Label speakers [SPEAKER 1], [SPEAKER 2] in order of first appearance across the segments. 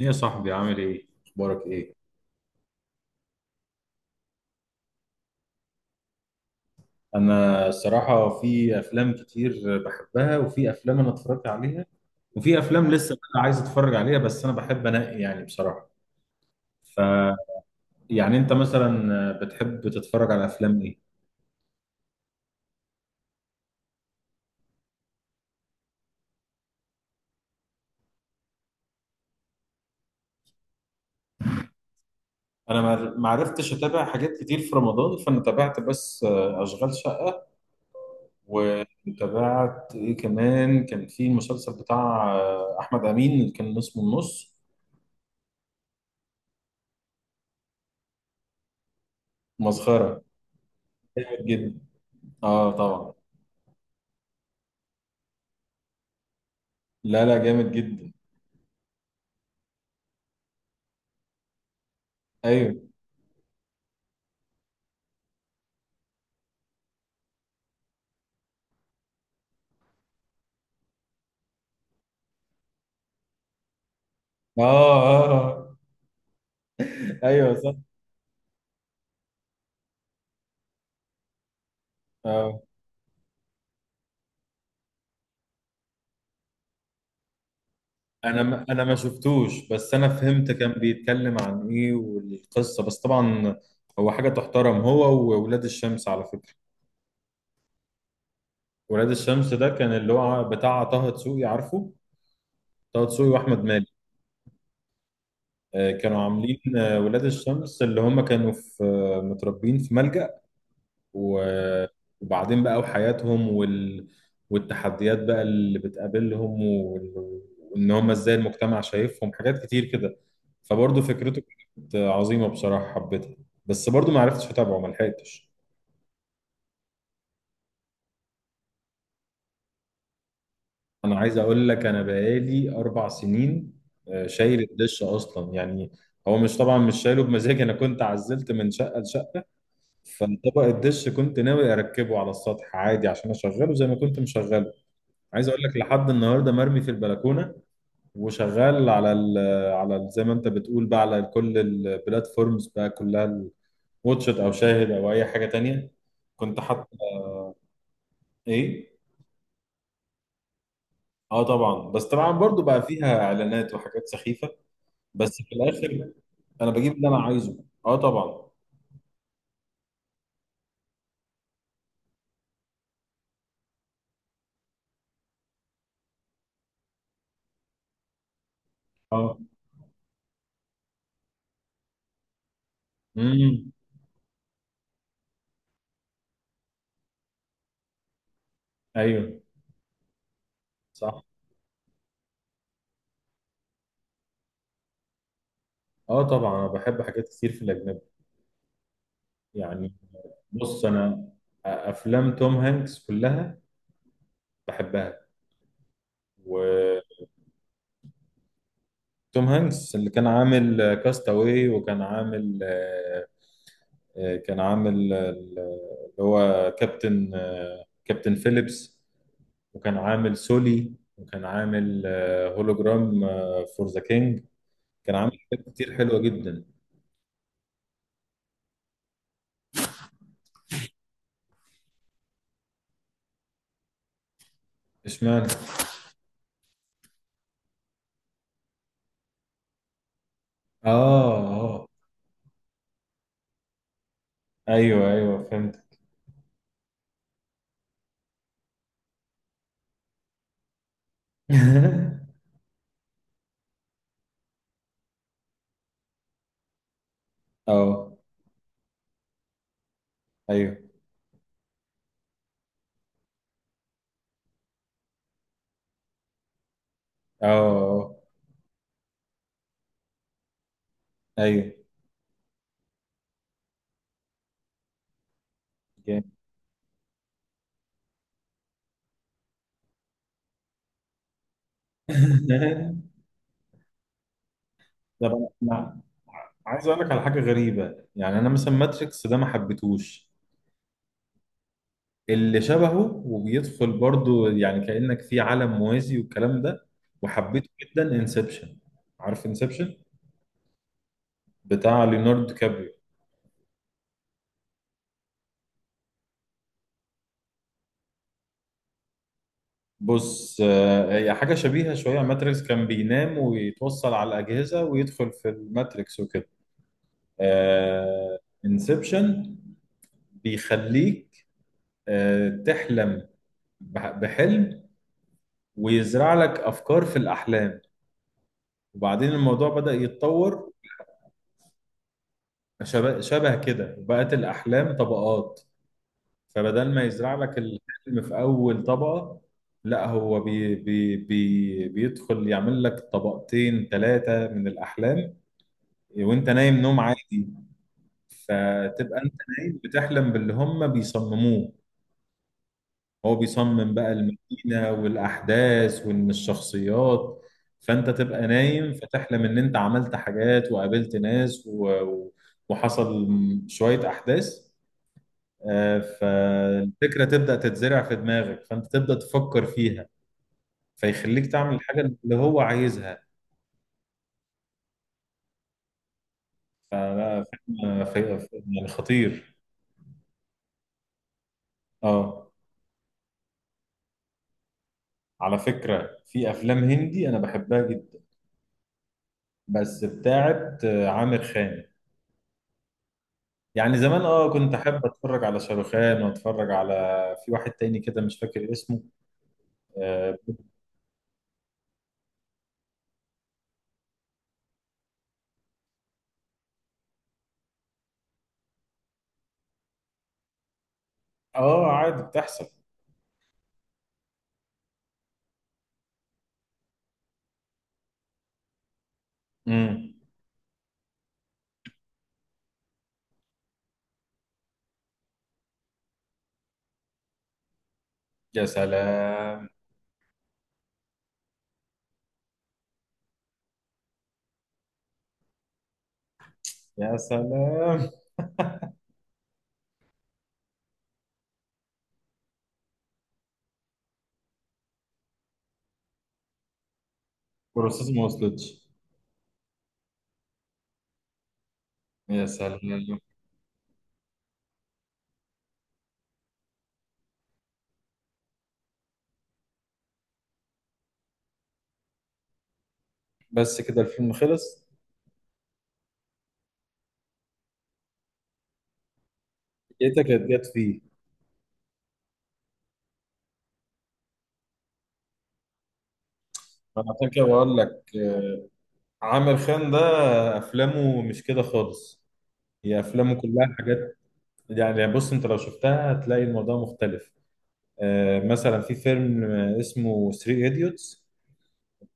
[SPEAKER 1] ايه يا صاحبي، عامل ايه؟ اخبارك ايه؟ انا الصراحه في افلام كتير بحبها، وفي افلام انا اتفرجت عليها، وفي افلام لسه بقى عايز اتفرج عليها، بس انا بحب انقي يعني بصراحه. ف يعني انت مثلا بتحب تتفرج على افلام ايه؟ انا ما عرفتش اتابع حاجات كتير في رمضان، فانا تابعت بس اشغال شقه، وتابعت ايه كمان، كان في المسلسل بتاع احمد امين اللي كان اسمه النص. مسخره. جامد جدا. اه طبعا. لا لا، جامد جدا. ايوه. اه، اه، آه. ايوه، صح. اه. انا ما شفتوش، بس انا فهمت كان بيتكلم عن ايه والقصه، بس طبعا هو حاجه تحترم، هو وولاد الشمس على فكره. ولاد الشمس ده كان اللي هو بتاع طه دسوقي، عارفه؟ طه دسوقي واحمد مالك. كانوا عاملين ولاد الشمس اللي هم كانوا في متربين في ملجأ. و- وبعدين بقى وحياتهم والتحديات بقى اللي بتقابلهم، وان هم ازاي المجتمع شايفهم حاجات كتير كده، فبرضه فكرته كانت عظيمة بصراحة، حبيتها. بس برضه ما عرفتش اتابعه، ما لحقتش. انا عايز اقول لك انا بقالي اربع سنين شايل الدش اصلا يعني. هو مش، طبعا مش شايله بمزاجي، انا كنت عزلت من شقه لشقه، فطبق الدش كنت ناوي اركبه على السطح عادي عشان اشغله زي ما كنت مشغله. عايز اقول لك لحد النهارده مرمي في البلكونه، وشغال زي ما انت بتقول بقى على كل البلاتفورمز بقى كلها، واتشت او شاهد او اي حاجه تانية. كنت حاطط. ايه؟ اه طبعا، بس طبعا برضو بقى فيها اعلانات وحاجات سخيفه، بس في الاخر انا بجيب اللي انا عايزه، اه طبعا. اه. امم. ايوه، صح. اه طبعا، انا بحب حاجات كتير في الاجنبي يعني. بص انا، افلام توم هانكس كلها بحبها. و توم هانكس اللي كان عامل كاستاوي، وكان عامل كان عامل اللي هو كابتن، كابتن فيليبس، وكان عامل سولي، وكان عامل هولوجرام فور ذا كينج. كان عامل حاجات كتير حلوة جدا. اشمعنى؟ اه. اه. ايوه ايوه، فهمت. اه. ايوه. اه. آه. ايوه. جامد. طب أنا عايز اقول لك على حاجه غريبه، يعني انا مثلا ماتريكس ده ما حبيتهوش. اللي شبهه وبيدخل برضو، يعني كانك في عالم موازي والكلام ده، وحبيته جدا انسبشن. عارف انسبشن؟ بتاع ليوناردو كابريو. بص، هي حاجه شبيهه شويه ماتريكس، كان بينام ويتوصل على الاجهزه ويدخل في الماتريكس وكده. آه. انسبشن بيخليك تحلم، بحلم، ويزرع لك افكار في الاحلام. وبعدين الموضوع بدأ يتطور شبه كده، وبقت الأحلام طبقات. فبدل ما يزرع لك الحلم في أول طبقة، لا، هو بي بي بي بيدخل يعمل لك طبقتين ثلاثة من الأحلام وأنت نايم نوم عادي، فتبقى أنت نايم بتحلم باللي هم بيصمموه. هو بيصمم بقى المدينة والأحداث وإن الشخصيات، فأنت تبقى نايم فتحلم إن أنت عملت حاجات وقابلت ناس وحصل شوية أحداث. فالفكرة تبدأ تتزرع في دماغك، فأنت تبدأ تفكر فيها، فيخليك تعمل الحاجة اللي هو عايزها. فلا، فيلم يعني خطير. اه، على فكرة في أفلام هندي أنا بحبها جدا، بس بتاعت عامر خان يعني. زمان اه كنت احب اتفرج على شاروخان، واتفرج في واحد تاني كده مش فاكر اسمه. اه. عادي بتحصل. امم. يا سلام. يا سلام. بروسيس ما وصلتش. يا سلام. بس كده الفيلم خلص. لقيتك اتجت فيه. انا عشان كده بقول لك، عامر خان ده افلامه مش كده خالص، هي افلامه كلها حاجات. يعني بص، انت لو شفتها هتلاقي الموضوع مختلف. مثلا في فيلم اسمه 3 ايديوتس،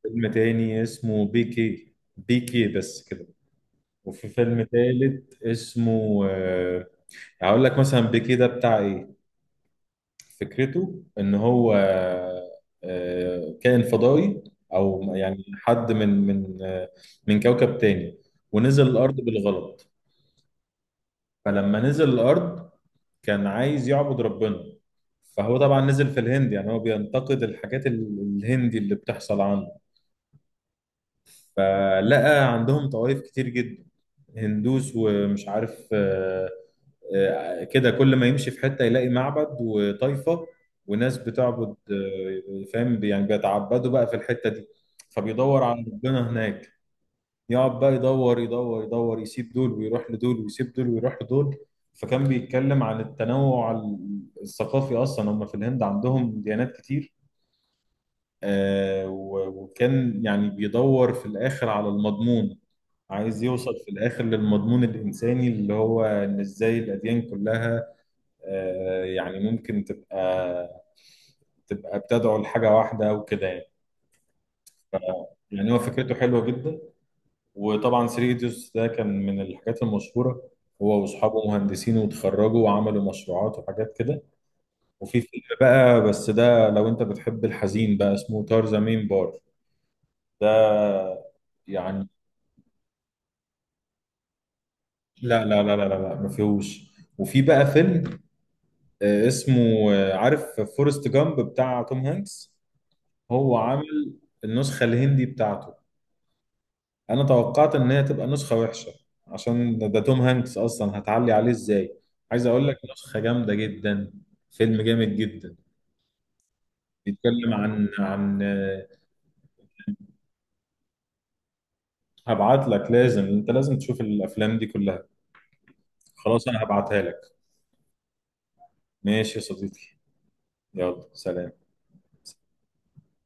[SPEAKER 1] فيلم تاني اسمه بي كي بي كي بس كده، وفي فيلم تالت اسمه هقول لك مثلا بي كي ده بتاع ايه. فكرته ان هو كائن فضائي، او يعني حد من من كوكب تاني، ونزل الارض بالغلط. فلما نزل الارض كان عايز يعبد ربنا، فهو طبعا نزل في الهند. يعني هو بينتقد الحاجات الهندي اللي بتحصل عنده، فلقى عندهم طوائف كتير جدا، هندوس ومش عارف كده كل ما يمشي في حتة يلاقي معبد وطائفة وناس بتعبد، فاهم، يعني بيتعبدوا بقى في الحتة دي. فبيدور على ربنا هناك، يقعد بقى يدور يدور يدور، يسيب دول ويروح لدول ويسيب دول ويروح لدول. فكان بيتكلم عن التنوع الثقافي، أصلا هم في الهند عندهم ديانات كتير. وكان يعني بيدور في الآخر على المضمون، عايز يوصل في الآخر للمضمون الإنساني، اللي هو إن إزاي الأديان كلها يعني ممكن تبقى بتدعو لحاجة واحدة وكده يعني. ف- يعني هو فكرته حلوة جدا. وطبعا سيريديوس ده كان من الحاجات المشهورة، هو وأصحابه مهندسين وتخرجوا وعملوا مشروعات وحاجات كده. وفي فيلم بقى، بس ده لو أنت بتحب الحزين بقى، اسمه تارزا مين بار. ده يعني. لا لا لا لا لا لا، ما فيهوش. وفي بقى فيلم اسمه، عارف فورست جامب بتاع توم هانكس؟ هو عامل النسخة الهندي بتاعته. انا توقعت ان هي تبقى نسخة وحشة، عشان ده توم هانكس اصلا هتعلي عليه ازاي. عايز اقول لك نسخة جامدة جدا، فيلم جامد جدا. بيتكلم عن هبعت لك، لازم انت لازم تشوف الافلام دي كلها، خلاص انا هبعتها لك. ماشي يا صديقي، يلا سلام.